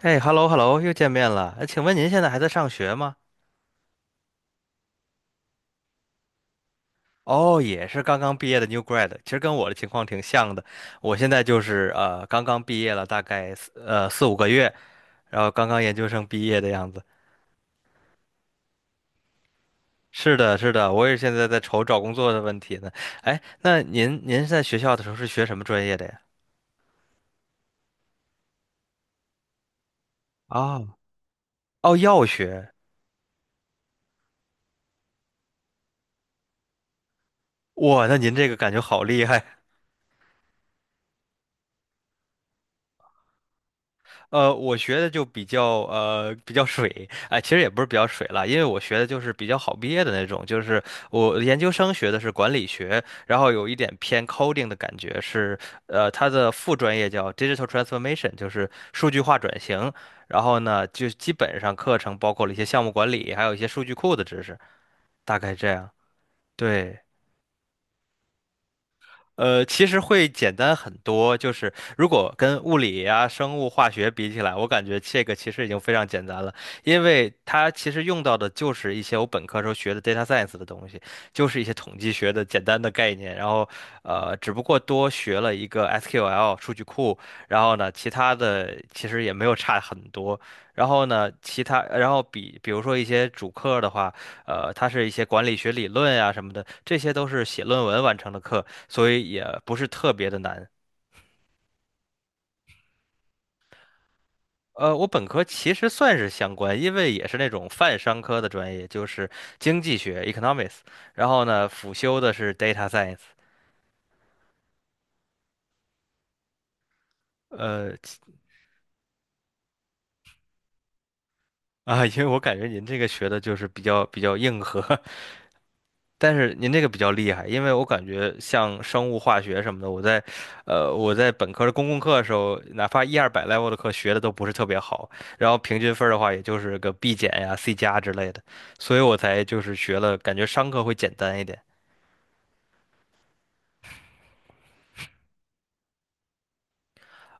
哎，hello hello，又见面了。哎，请问您现在还在上学吗？哦，也是刚刚毕业的 new grad，其实跟我的情况挺像的。我现在就是刚刚毕业了，大概四五个月，然后刚刚研究生毕业的样子。是的，是的，我也现在在愁找工作的问题呢。哎，那您在学校的时候是学什么专业的呀？哦哦，药学。哇，那您这个感觉好厉害。我学的就比较水，哎、其实也不是比较水了，因为我学的就是比较好毕业的那种，就是我研究生学的是管理学，然后有一点偏 coding 的感觉是。它的副专业叫 digital transformation，就是数据化转型，然后呢，就基本上课程包括了一些项目管理，还有一些数据库的知识，大概这样，对。其实会简单很多，就是如果跟物理啊、生物、化学比起来，我感觉这个其实已经非常简单了，因为它其实用到的就是一些我本科时候学的 data science 的东西，就是一些统计学的简单的概念，然后只不过多学了一个 SQL 数据库，然后呢，其他的其实也没有差很多，然后呢，其他然后比如说一些主课的话。它是一些管理学理论呀、什么的，这些都是写论文完成的课，所以也不是特别的难。我本科其实算是相关，因为也是那种泛商科的专业，就是经济学 （economics），然后呢，辅修的是 data science。呃，啊，因为我感觉您这个学的就是比较硬核，但是您这个比较厉害，因为我感觉像生物化学什么的，我在，我在本科的公共课的时候，哪怕一二百 level 的课学的都不是特别好，然后平均分儿的话也就是个 B 减呀、C 加之类的，所以我才就是学了，感觉商科会简单一点。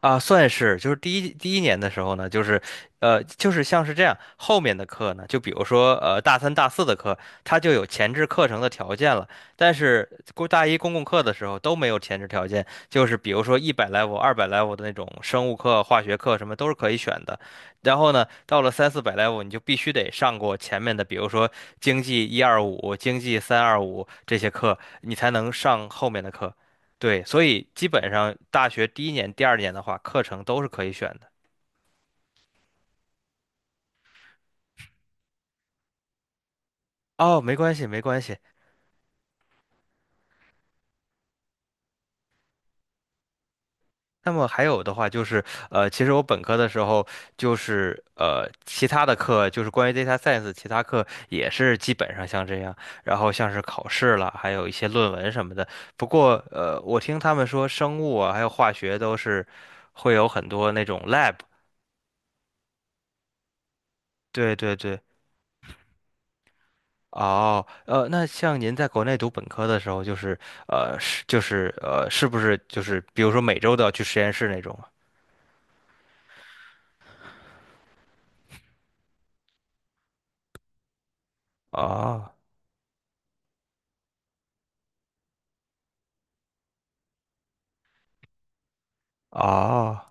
啊，算是，就是第一年的时候呢，就是，就是像是这样，后面的课呢，就比如说，大三、大四的课，它就有前置课程的条件了，但是大一公共课的时候都没有前置条件，就是比如说100 level、二百 level 的那种生物课、化学课什么都是可以选的，然后呢，到了三四百 level，你就必须得上过前面的，比如说经济 125、经济 325这些课，你才能上后面的课。对，所以基本上大学第一年、第二年的话，课程都是可以选的。哦，没关系，没关系。那么还有的话就是，其实我本科的时候就是其他的课就是关于 data science，其他课也是基本上像这样，然后像是考试了，还有一些论文什么的。不过我听他们说生物啊，还有化学都是会有很多那种 lab。对对对。哦，那像您在国内读本科的时候，就是是不是就是比如说每周都要去实验室那种啊？哦哦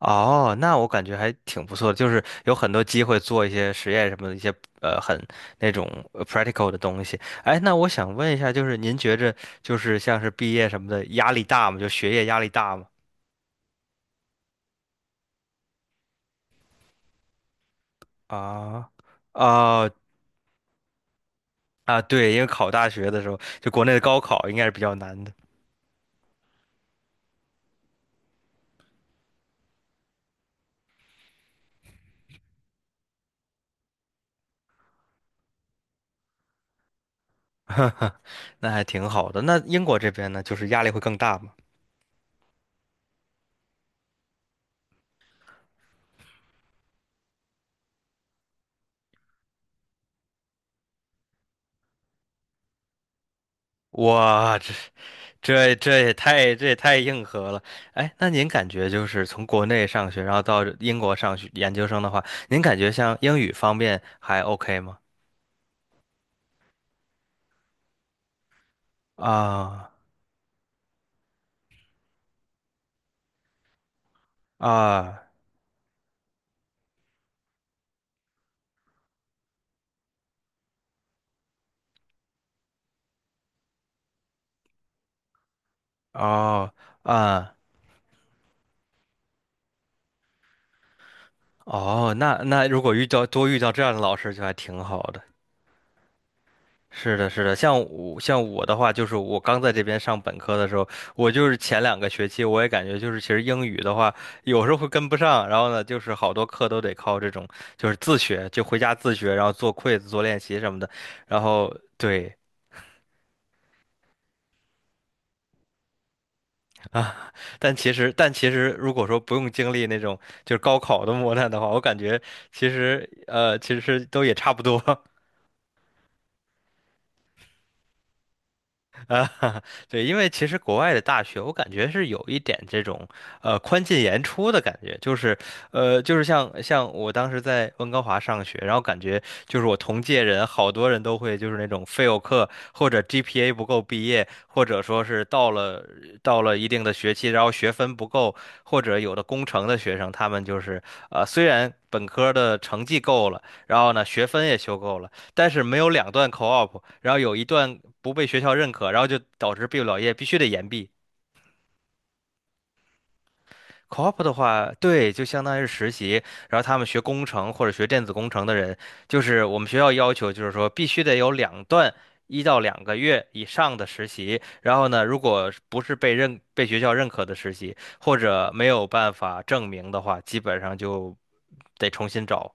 哦，那我感觉还挺不错的，就是有很多机会做一些实验什么的一些呃很那种呃 practical 的东西。哎，那我想问一下，就是您觉着就是像是毕业什么的压力大吗？就学业压力大吗？啊啊啊，对，因为考大学的时候，就国内的高考应该是比较难的。哈哈，那还挺好的。那英国这边呢，就是压力会更大嘛？哇，这也太硬核了。哎，那您感觉就是从国内上学，然后到英国上学研究生的话，您感觉像英语方面还 OK 吗？啊啊哦啊哦，那如果遇到这样的老师，就还挺好的。是的，是的，像我的话，就是我刚在这边上本科的时候，我就是前 2 个学期，我也感觉就是其实英语的话，有时候会跟不上，然后呢，就是好多课都得靠这种就是自学，就回家自学，然后做 quiz 做练习什么的，然后对。啊，但其实如果说不用经历那种就是高考的磨难的话，我感觉其实其实都也差不多，啊，对，因为其实国外的大学，我感觉是有一点这种宽进严出的感觉，就是就是像我当时在温哥华上学，然后感觉就是我同届人好多人都会就是那种 fail 课，或者 GPA 不够毕业，或者说是到了一定的学期，然后学分不够，或者有的工程的学生，他们就是虽然本科的成绩够了，然后呢学分也修够了。但是没有2 段 co-op，然后有一段不被学校认可，然后就导致毕不了业必须得延毕。co-op 的话，对，就相当于是实习，然后他们学工程或者学电子工程的人，就是我们学校要求就是说必须得有两段1 到 2 个月以上的实习，然后呢，如果是不是被学校认可的实习，或者没有办法证明的话，基本上就得重新找。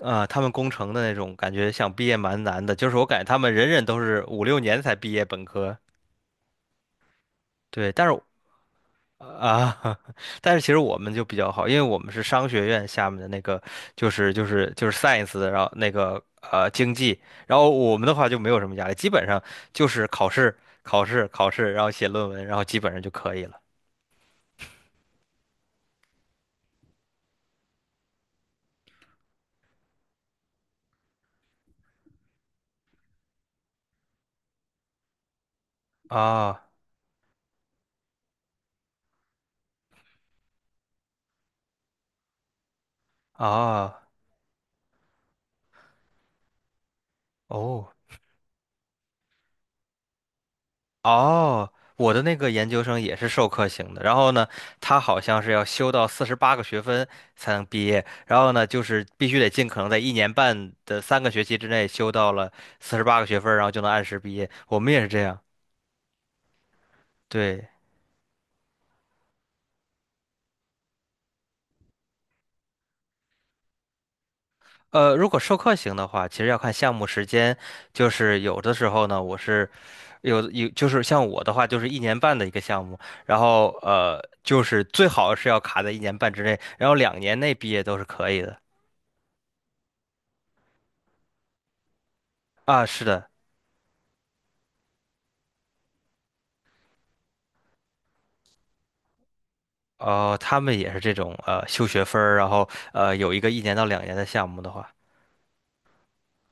啊、他们工程的那种感觉想毕业蛮难的，就是我感觉他们人人都是5、6 年才毕业本科，对，但是啊，但是其实我们就比较好，因为我们是商学院下面的那个，就是science 的，然后那个经济，然后我们的话就没有什么压力，基本上就是考试考试考试，然后写论文，然后基本上就可以了。啊啊哦。哦，我的那个研究生也是授课型的，然后呢，他好像是要修到四十八个学分才能毕业，然后呢，就是必须得尽可能在一年半的3 个学期之内修到了四十八个学分然后就能按时毕业。我们也是这样，对。如果授课型的话，其实要看项目时间，就是有的时候呢，我是就是像我的话，就是一年半的一个项目，然后就是最好是要卡在一年半之内，然后两年内毕业都是可以的。啊，是的，哦，他们也是这种修学分儿，然后有一个1 到 2 年的项目的话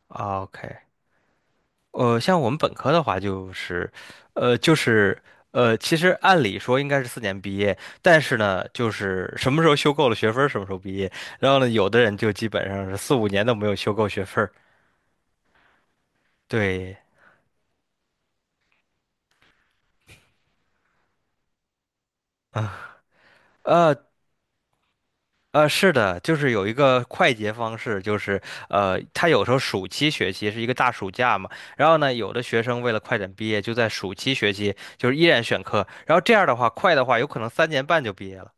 O K， 像我们本科的话就是，呃，就是其实按理说应该是4 年毕业，但是呢，就是什么时候修够了学分儿什么时候毕业，然后呢，有的人就基本上是4、5 年都没有修够学分儿，对。啊，是的，就是有一个快捷方式，就是他有时候暑期学期是一个大暑假嘛，然后呢，有的学生为了快点毕业，就在暑期学期就是依然选课，然后这样的话，快的话有可能3 年半就毕业了。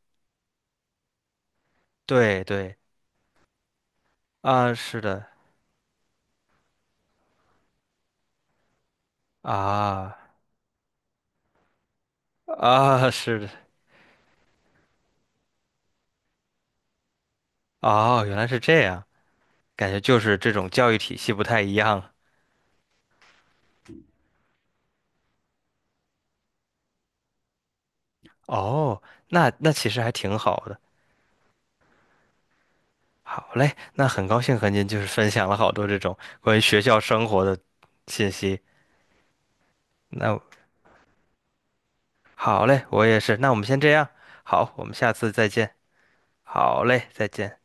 对对，啊，是的，啊啊，是的，哦，原来是这样，感觉就是这种教育体系不太一样。哦，那其实还挺好的。好嘞，那很高兴和您就是分享了好多这种关于学校生活的信息。那好嘞，我也是。那我们先这样，好，我们下次再见。好嘞，再见。